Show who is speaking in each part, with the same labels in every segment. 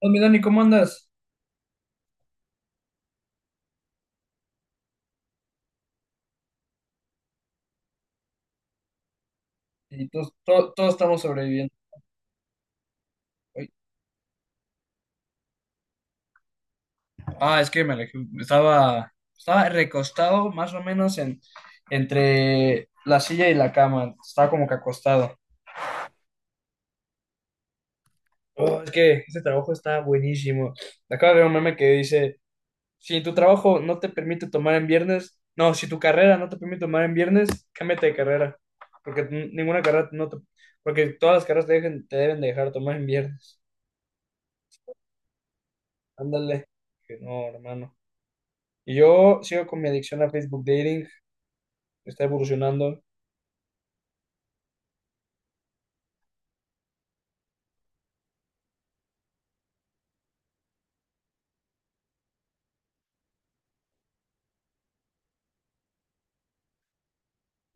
Speaker 1: Hola, mi Dani, ¿cómo andas? Y todos, todos estamos sobreviviendo. Uy. Ah, es que me alejé. Estaba recostado más o menos en, entre la silla y la cama. Estaba como que acostado. Oh, es que este trabajo está buenísimo. Acabo de ver un meme que dice, si tu trabajo no te permite tomar en viernes, no, si tu carrera no te permite tomar en viernes, cámbiate de carrera. Porque ninguna carrera no te, porque todas las carreras te, te deben dejar tomar en viernes. Ándale. Que no, hermano. Y yo sigo con mi adicción a Facebook Dating, está evolucionando.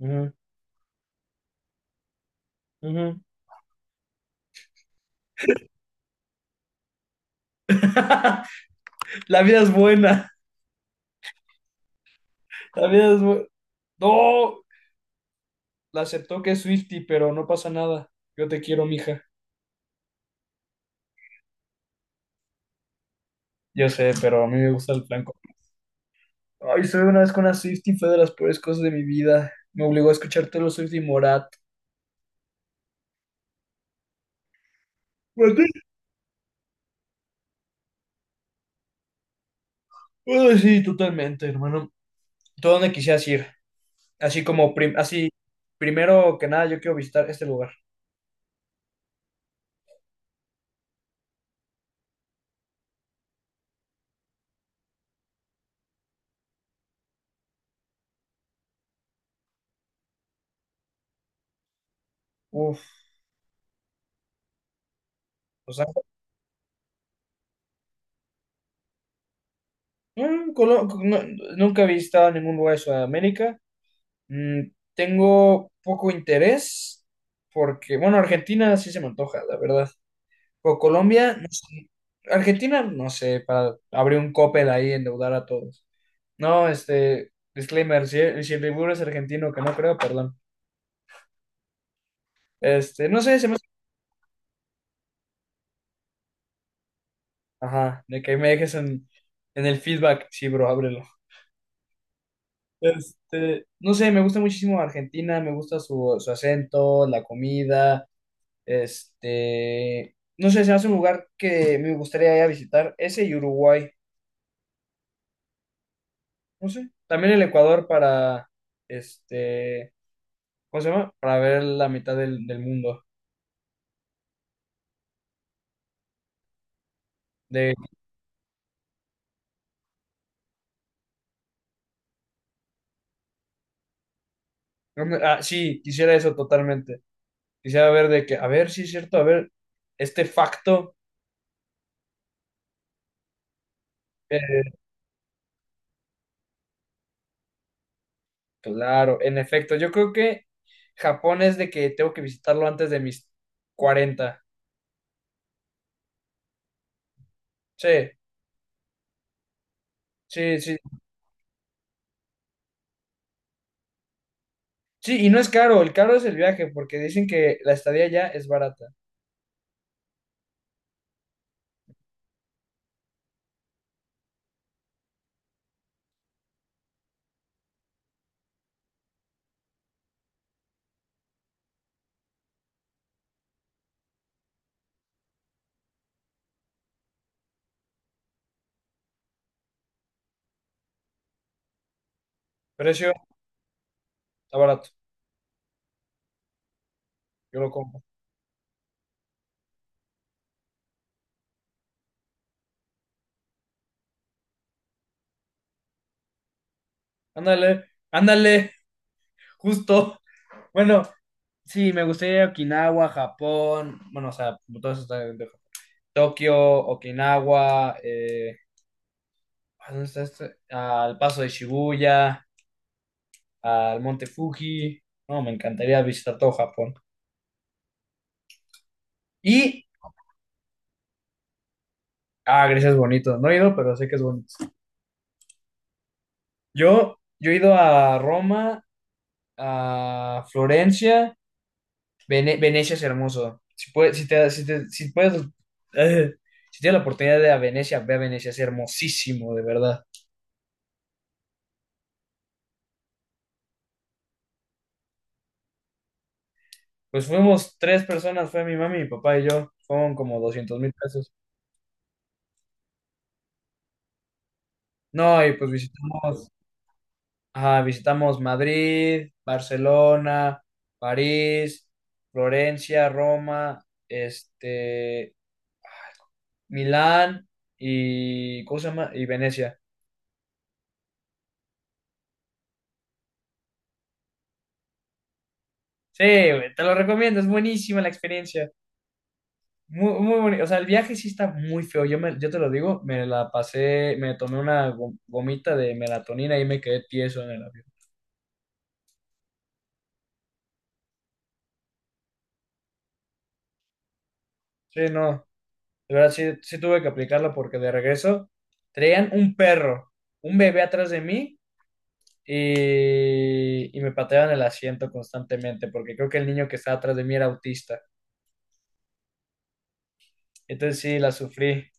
Speaker 1: Ujú, ujú. La vida es buena, la vida es buena. No, la aceptó que es Swiftie, pero no pasa nada. Yo te quiero, mija. Yo sé, pero a mí me gusta el blanco. Ay, estuve una vez con una Swiftie, fue de las peores cosas de mi vida. Me obligó a escuchar Taylor Swift y Morat. ¿Morat? Ay, sí, totalmente, hermano. ¿Tú a dónde quisieras ir? Así como, primero que nada, yo quiero visitar este lugar. Uf, Los Mm, Colo- no- nunca he visitado ningún lugar de Sudamérica. Mm, tengo poco interés porque, bueno, Argentina sí se me antoja, la verdad. Pero Colombia, no sé. Argentina, no sé, para abrir un copel ahí, endeudar a todos. No, este, disclaimer, si el Dibu es argentino, que no creo, perdón. Este, no sé, se me... Ajá, de que me dejes en, el feedback. Sí, bro, ábrelo. Este, no sé, me gusta muchísimo Argentina, me gusta su acento, la comida. Este, no sé, se hace un lugar que me gustaría ir a visitar, ese y Uruguay, no sé, también el Ecuador para, este, ¿cómo se llama? Para ver la mitad del mundo. De, sí, quisiera eso totalmente. Quisiera ver de que, a ver, sí es cierto, a ver, este facto, eh, claro, en efecto, yo creo que Japón es de que tengo que visitarlo antes de mis 40. Sí, sí, sí. Sí, y no es caro, el caro es el viaje, porque dicen que la estadía ya es barata. Precio, está barato. Yo lo compro. Ándale, ándale, justo. Bueno, sí, me gustaría Okinawa, Japón. Bueno, o sea, todo eso está dentro de Japón. Tokio, Okinawa, ¿a ¿dónde está este? Al Paso de Shibuya, al Monte Fuji. No, me encantaría visitar todo Japón. Y, Grecia es bonito. No he ido, pero sé que es bonito. Yo he ido a Roma, a Florencia. Venecia es hermoso. Si puedes, si te, si te- si puedes, eh, si tienes la oportunidad de ir a Venecia, ve a Venecia, es hermosísimo, de verdad. Pues fuimos tres personas, fue mi mami, mi papá y yo, fueron como 200,000 pesos. No, y pues visitamos, ajá, visitamos Madrid, Barcelona, París, Florencia, Roma, este, Milán y, ¿cómo se llama? Y Venecia. Sí, güey, te lo recomiendo, es buenísima la experiencia. Muy, muy bonito. O sea, el viaje sí está muy feo. Yo te lo digo, me la pasé, me tomé una gomita de melatonina y me quedé tieso en el avión. Sí, no. De verdad, sí tuve que aplicarla porque de regreso traían un perro, un bebé atrás de mí y me pateaban el asiento constantemente porque creo que el niño que estaba atrás de mí era autista. Entonces sí, la sufrí.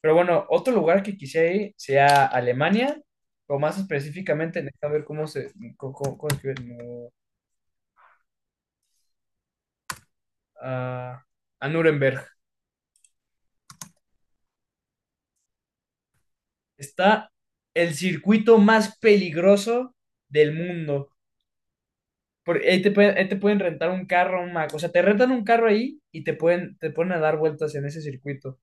Speaker 1: Pero bueno, otro lugar que quisiera ir sea Alemania, o más específicamente, necesito ver. Cómo se... cómo- cómo- cómo escribe- no. a, a Nuremberg. Está el circuito más peligroso del mundo. Ahí te pueden rentar un carro, un Mac. O sea, te rentan un carro ahí y te ponen a dar vueltas en ese circuito.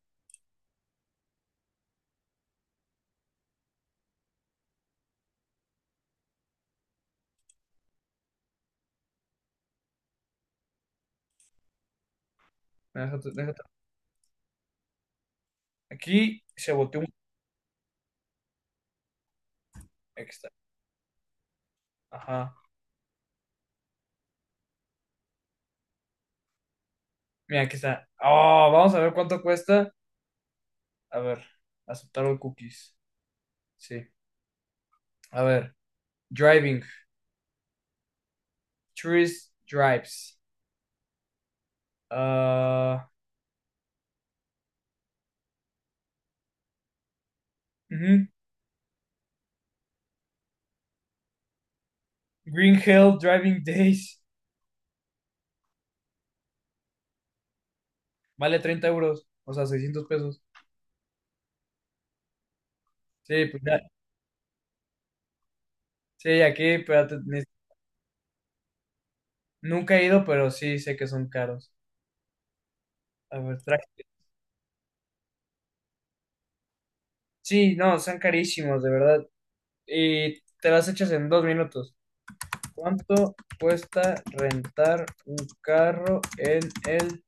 Speaker 1: Déjate. Aquí se volteó un. Aquí está. Ajá. Mira, aquí está. Oh, vamos a ver cuánto cuesta. A ver. Aceptar los cookies. Sí. A ver. Driving. Tourist drives. Ah, ujú. Green Hill Driving Days. Vale 30 euros, o sea, 600 pesos. Sí, pues ya. Sí, aquí, espérate, nunca he ido, pero sí sé que son caros. A ver, traje. Sí, no, son carísimos, de verdad. Y te las echas en 2 minutos. ¿Cuánto cuesta rentar un carro en el...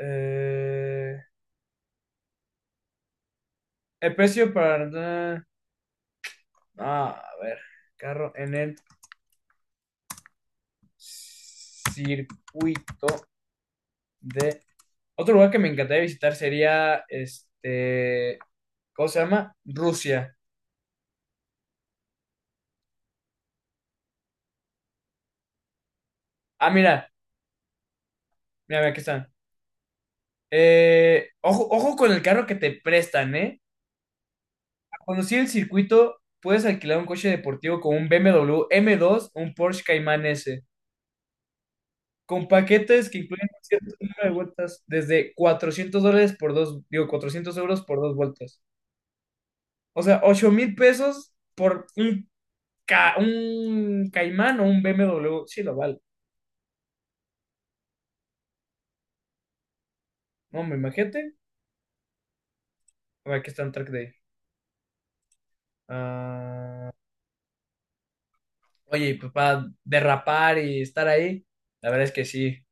Speaker 1: eh, el precio para... Ah, a ver, carro en el circuito de. Otro lugar que me encantaría visitar sería, este, ¿cómo se llama? Rusia. Ah, mira, mira, mira, aquí están. Ojo, ojo con el carro que te prestan, ¿eh? Para conocer el circuito, puedes alquilar un coche deportivo como un BMW m W M dos, o un Porsche Cayman S, con paquetes que incluyen un cierto número de vueltas, desde $400 por dos, digo, 400 euros por 2 vueltas. O sea, 8,000 pesos por un Cayman o un BMW. Sí, lo vale. No, me imagínate. O aquí está un track day. Ah, oye, y pues para derrapar y estar ahí, la verdad es que sí.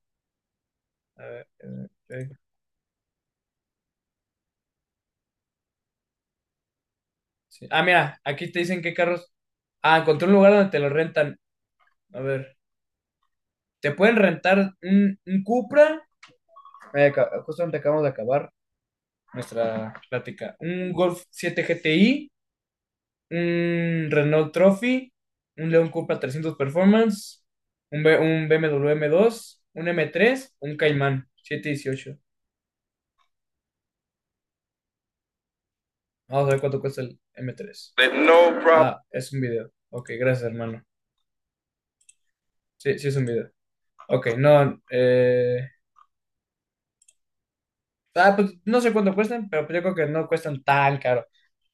Speaker 1: A ver, ok, sí. Ah, mira, aquí te dicen qué carros. Ah, encontré un lugar donde te lo rentan. A ver, te pueden rentar un Cupra. Justamente acabamos de acabar nuestra plática. Un Golf 7 GTI, un Renault Trophy, un León Cupra 300 Performance, un BMW m W M dos un M3 un Caimán 718. Vamos a ver cuánto cuesta el M3. No problem. Ah, es un video. Ok, gracias, hermano. Sí, sí es un video. Ok, no. Ah, pues no sé cuánto cuestan, pero pues yo creo que no cuestan tan caro.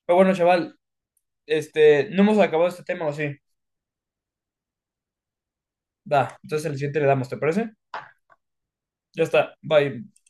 Speaker 1: Pero bueno, chaval, este, no hemos acabado este tema, ¿o sí? Va, entonces el siguiente le damos, ¿te parece? Ya está, bye.